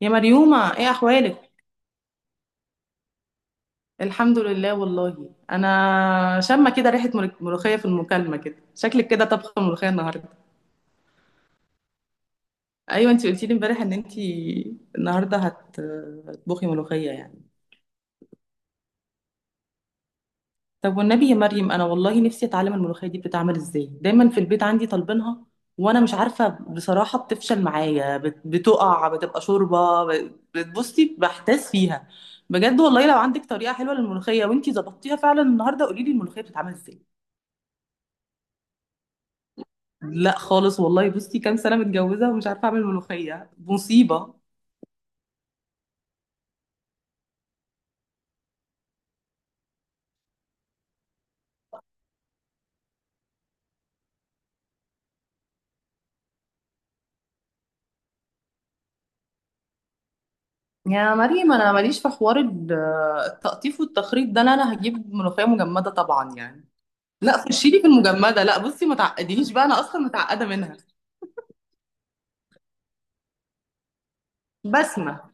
يا مريومة، ايه احوالك؟ الحمد لله، والله انا شامه كده ريحه ملوخيه في المكالمه، كده شكلك كده طبخه ملوخيه النهارده. ايوه، انت قلتي لي امبارح ان انت النهارده هتطبخي ملوخيه يعني. طب والنبي يا مريم، انا والله نفسي اتعلم الملوخيه دي بتتعمل ازاي، دايما في البيت عندي طالبينها. وانا مش عارفه بصراحه، بتفشل معايا، بتقع، بتبقى شوربه، بتبصي بحتاس فيها. بجد والله، لو عندك طريقه حلوه للملوخيه وانتي ظبطتيها فعلا النهارده، قولي لي الملوخيه بتتعمل ازاي. لا خالص والله، بصي كام سنة متجوزة ومش عارفة أعمل ملوخية، مصيبة. يا مريم، أنا ماليش في حوار التقطيف والتخريط ده، لا أنا هجيب ملوخية مجمدة طبعا يعني. لا خشي لي في المجمدة، لا بصي، ما تعقدينيش بقى، أنا أصلا متعقدة منها. بسمة.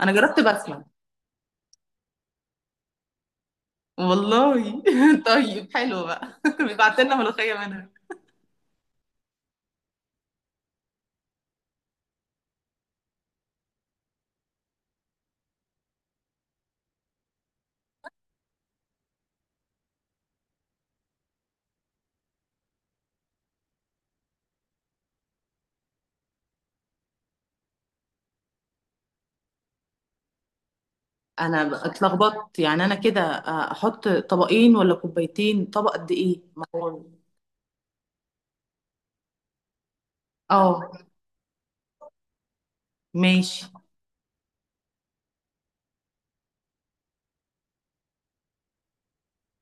أنا جربت بسمة. والله طيب حلو بقى. بيبعت لنا ملوخية منها. أنا بقى اتلخبطت يعني، أنا كده أحط طبقين ولا كوبايتين؟ طبق قد إيه؟ ما هو- اه. ماشي.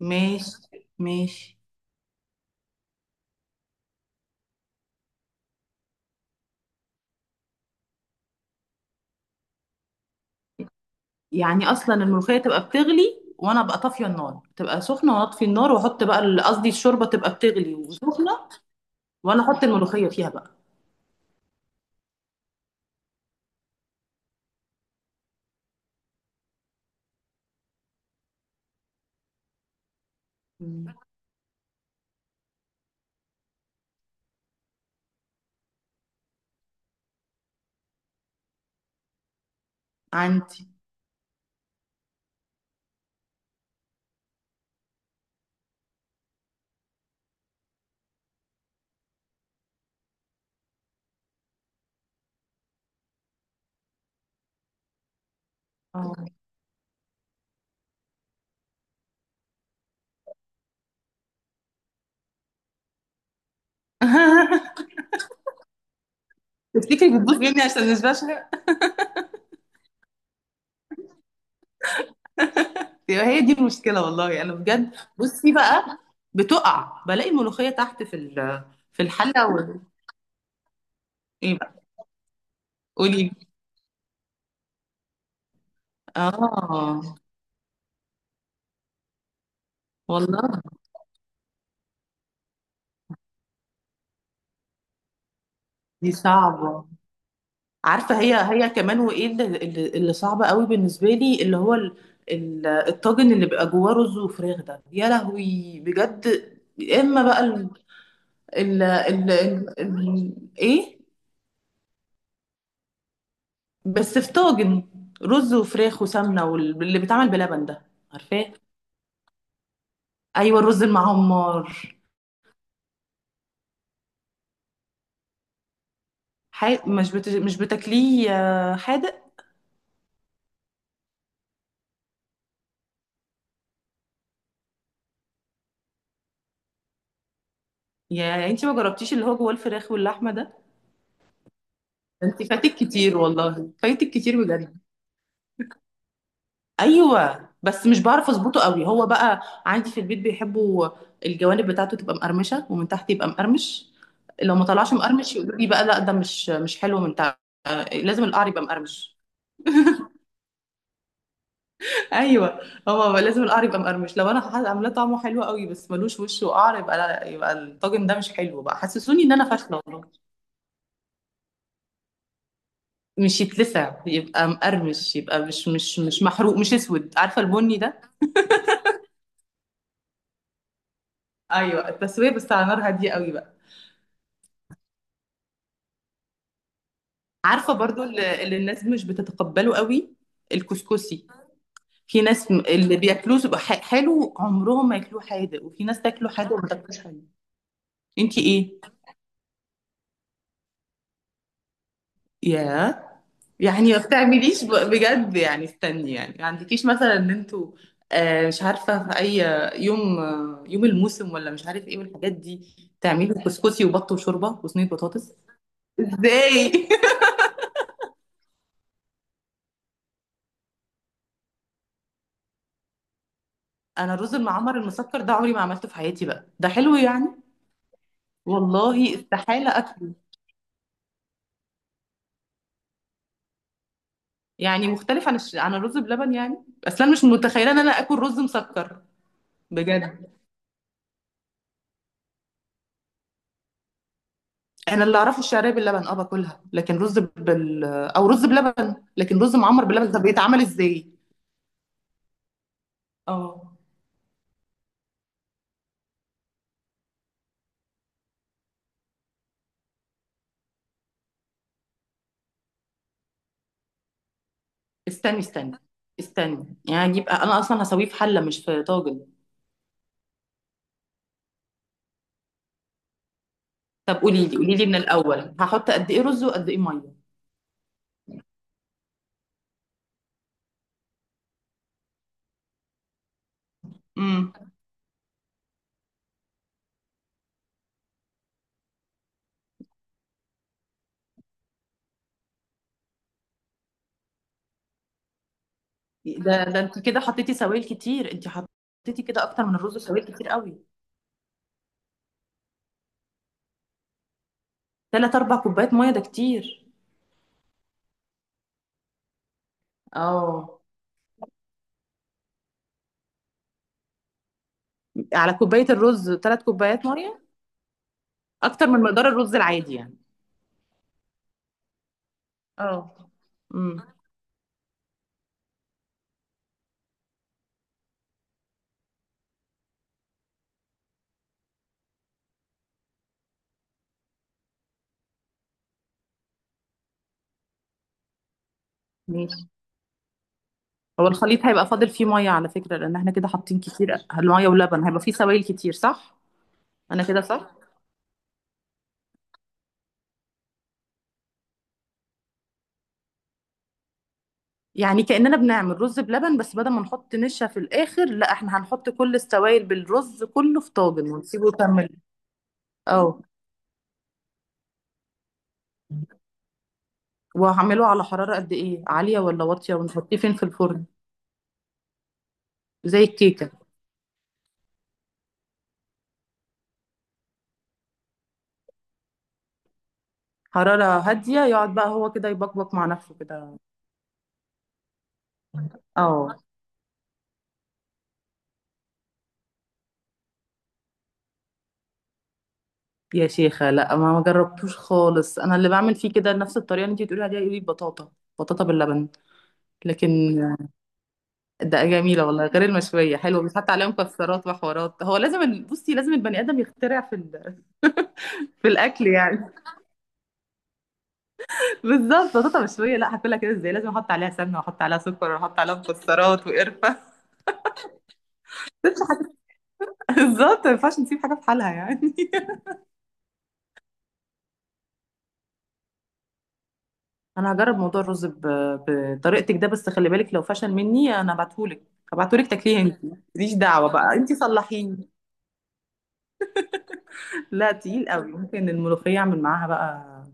ماشي. ماشي. يعني اصلا الملوخيه تبقى بتغلي وانا ابقى طافيه النار، تبقى سخنه وانا اطفي النار واحط بقى قصدي الشوربه تبقى بتغلي وسخنه. وانا احط الملوخيه فيها بقى. مم. عندي. اه. تفتكري بتبوظ مني عشان مش بشهق؟ يبقى هي دي المشكله والله، انا بجد، بصي بقى. بتقع بلاقي الملوخيه تحت في في الحله ايه بقى، قولي لي. اه. والله دي صعبه. عارفه هي. هي كمان، وايه اللي صعب قوي بالنسبه لي، اللي هو الطاجن اللي بيبقى جواه رز وفراخ ده، يا لهوي بجد. يا اما بقى ال ايه؟ بس في طاجن، رز وفراخ وسمنه، واللي بيتعمل بلبن ده. عارفاه؟ ايوه، الرز المعمر. مش بتاكليه حادق؟ يا انت ما جربتيش اللي هو جواه الفراخ واللحمه ده؟ انت فاتك كتير، والله فاتك كتير بجد. ايوه، بس مش بعرف اظبطه قوي هو بقى. عندي في البيت بيحبوا. الجوانب بتاعته تبقى مقرمشه، ومن تحت يبقى مقرمش. لو ما طلعش مقرمش يقولوا لي بقى، لا ده مش حلو من تحت. آه، لازم القعر يبقى مقرمش. ايوه. هو بقى لازم القعر يبقى مقرمش، لو انا عاملاه طعمه حلو قوي بس ملوش وش وقعر يبقى لا، يبقى الطاجن ده مش حلو بقى، حسسوني ان انا فاشله والله. مش يتلسع، يبقى مقرمش، يبقى مش محروق، مش اسود، عارفه البني ده. ايوه، التسويه بس على نار هاديه قوي بقى. عارفة برضو اللي الناس مش بتتقبله قوي. الكسكسي. في ناس اللي بياكلوه بيبقى حلو عمرهم ما ياكلوه حادق، وفي ناس تاكله حادق وما تاكلوش حلو. انتي ايه؟ يا. يعني ما بتعمليش بجد يعني، استني يعني، ما عندكيش مثلا ان انتوا مش عارفة في اي يوم، يوم الموسم ولا مش عارف ايه، والحاجات دي. تعملوا كسكسي وبط وشوربة وصينية بطاطس؟ ازاي؟ انا الرز المعمر المسكر ده عمري ما عملته في حياتي بقى، ده حلو يعني؟ والله استحالة اكله. يعني مختلف عن عن الرز بلبن، يعني اصل انا مش متخيله ان انا اكل رز مسكر. بجد. انا اللي اعرفه الشعريه باللبن، باكلها لكن رز او رز بلبن، لكن رز معمر باللبن ده بيتعمل ازاي؟ اه. استني استني استني، يعني يبقى انا اصلا هسويه في حله مش في طاجن؟ طب قولي لي قولي لي، من الاول هحط قد ايه رز وقد ايه ميه؟ امم. ده انت كده حطيتي سوائل كتير، انت حطيتي كده اكتر من الرز سوائل كتير قوي. 3 4 كوبايات ميه ده كتير. اه، على كوباية الرز 3 كوبايات مية. أكتر من مقدار الرز العادي يعني. اه. امم. ماشي. هو الخليط هيبقى فاضل فيه مية على فكرة، لأن احنا كده حاطين كتير، المية ولبن هيبقى فيه سوائل كتير صح؟ أنا كده صح؟ يعني كأننا بنعمل رز بلبن، بس بدل ما نحط نشا في الآخر، لا احنا هنحط كل السوائل بالرز كله في طاجن ونسيبه يكمل. اه. وهعمله على حرارة قد إيه؟ عالية ولا واطية؟ ونحطيه فين في الفرن؟ زي الكيكة؟ حرارة هادية، يقعد بقى هو كده يبقبق مع نفسه كده. اه. يا شيخة لا، ما جربتوش خالص، انا اللي بعمل فيه كده نفس الطريقه اللي انت بتقولي عليها دي بطاطا. بطاطا باللبن، لكن ده جميله والله، غير المشويه حلوه بيتحط عليها مكسرات وحوارات، هو لازم بصي لازم البني ادم يخترع في في الاكل يعني. بالظبط، بطاطا مشويه لا هاكلها كده ازاي، لازم احط عليها سمنه واحط عليها سكر واحط عليها مكسرات وقرفه. بالظبط، ما ينفعش نسيب حاجه في حالها يعني. انا هجرب موضوع الرز بطريقتك ده، بس خلي بالك لو فشل مني انا هبعتهولك. هبعتهولك تاكليه انت. ماليش دعوه بقى، انت صلحيني. لا تقيل قوي، ممكن الملوخيه اعمل معاها بقى.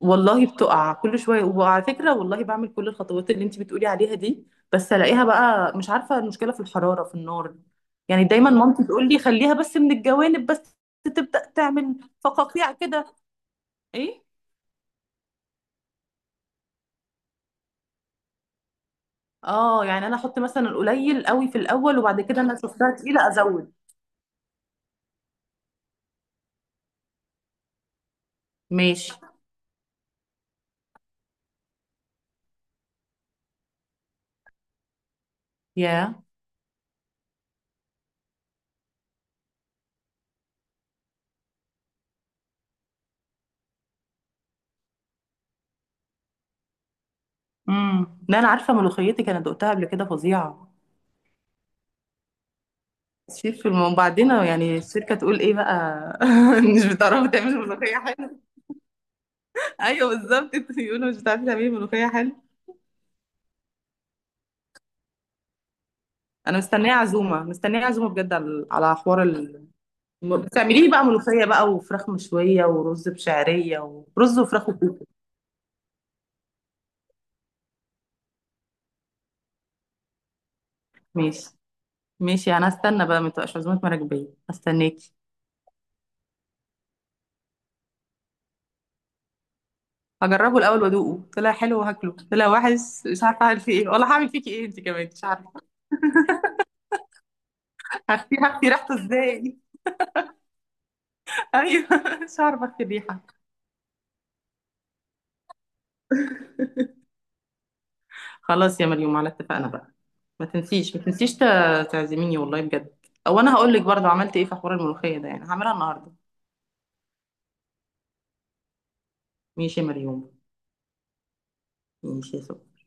والله بتقع كل شويه، وعلى فكره والله بعمل كل الخطوات اللي انت بتقولي عليها دي. بس الاقيها بقى مش عارفه، المشكله في الحراره، في النار. يعني دايما مامتي تقول لي خليها بس من الجوانب بس. تبدا تعمل فقاقيع كده. ايه. اه، يعني انا احط مثلا القليل قوي في الاول، وبعد كده انا شفتها تقيله ازود. ماشي. ياه. امم. لا انا عارفه ملوخيتك، انا دقتها قبل كده، فظيعه. شيف في وبعدين يعني الشركه تقول ايه بقى؟ مش بتعرفي تعملي ملوخيه حلوه. ايوه بالظبط. يقولوا مش بتعرفي تعملي ملوخيه حلوه. انا مستنيه عزومه مستنيه عزومه بجد، على حوار بتعمليه بقى ملوخيه بقى، وفراخ مشويه، ورز بشعريه، ورز وفراخ وكوكو. ماشي. ماشي، انا هستنى بقى، ما تبقاش عزومه مراكبيه، هستناكي. هجربه الاول وادوقه، طلع حلو وهاكله، طلع وحش مش عارفه اعمل فيه ايه، ولا هعمل فيكي ايه انت كمان مش عارفه. هخفي هخفي ريحته ازاي؟ ايوه. مش عارفه اخفي الريحه. خلاص يا مريم، على اتفقنا بقى. ما تنسيش ما تنسيش تعزميني والله بجد. او انا هقول لك برضه عملت ايه في حوار الملوخيه ده، يعني هعملها النهارده. ماشي يا مريم. ماشي يا سكر.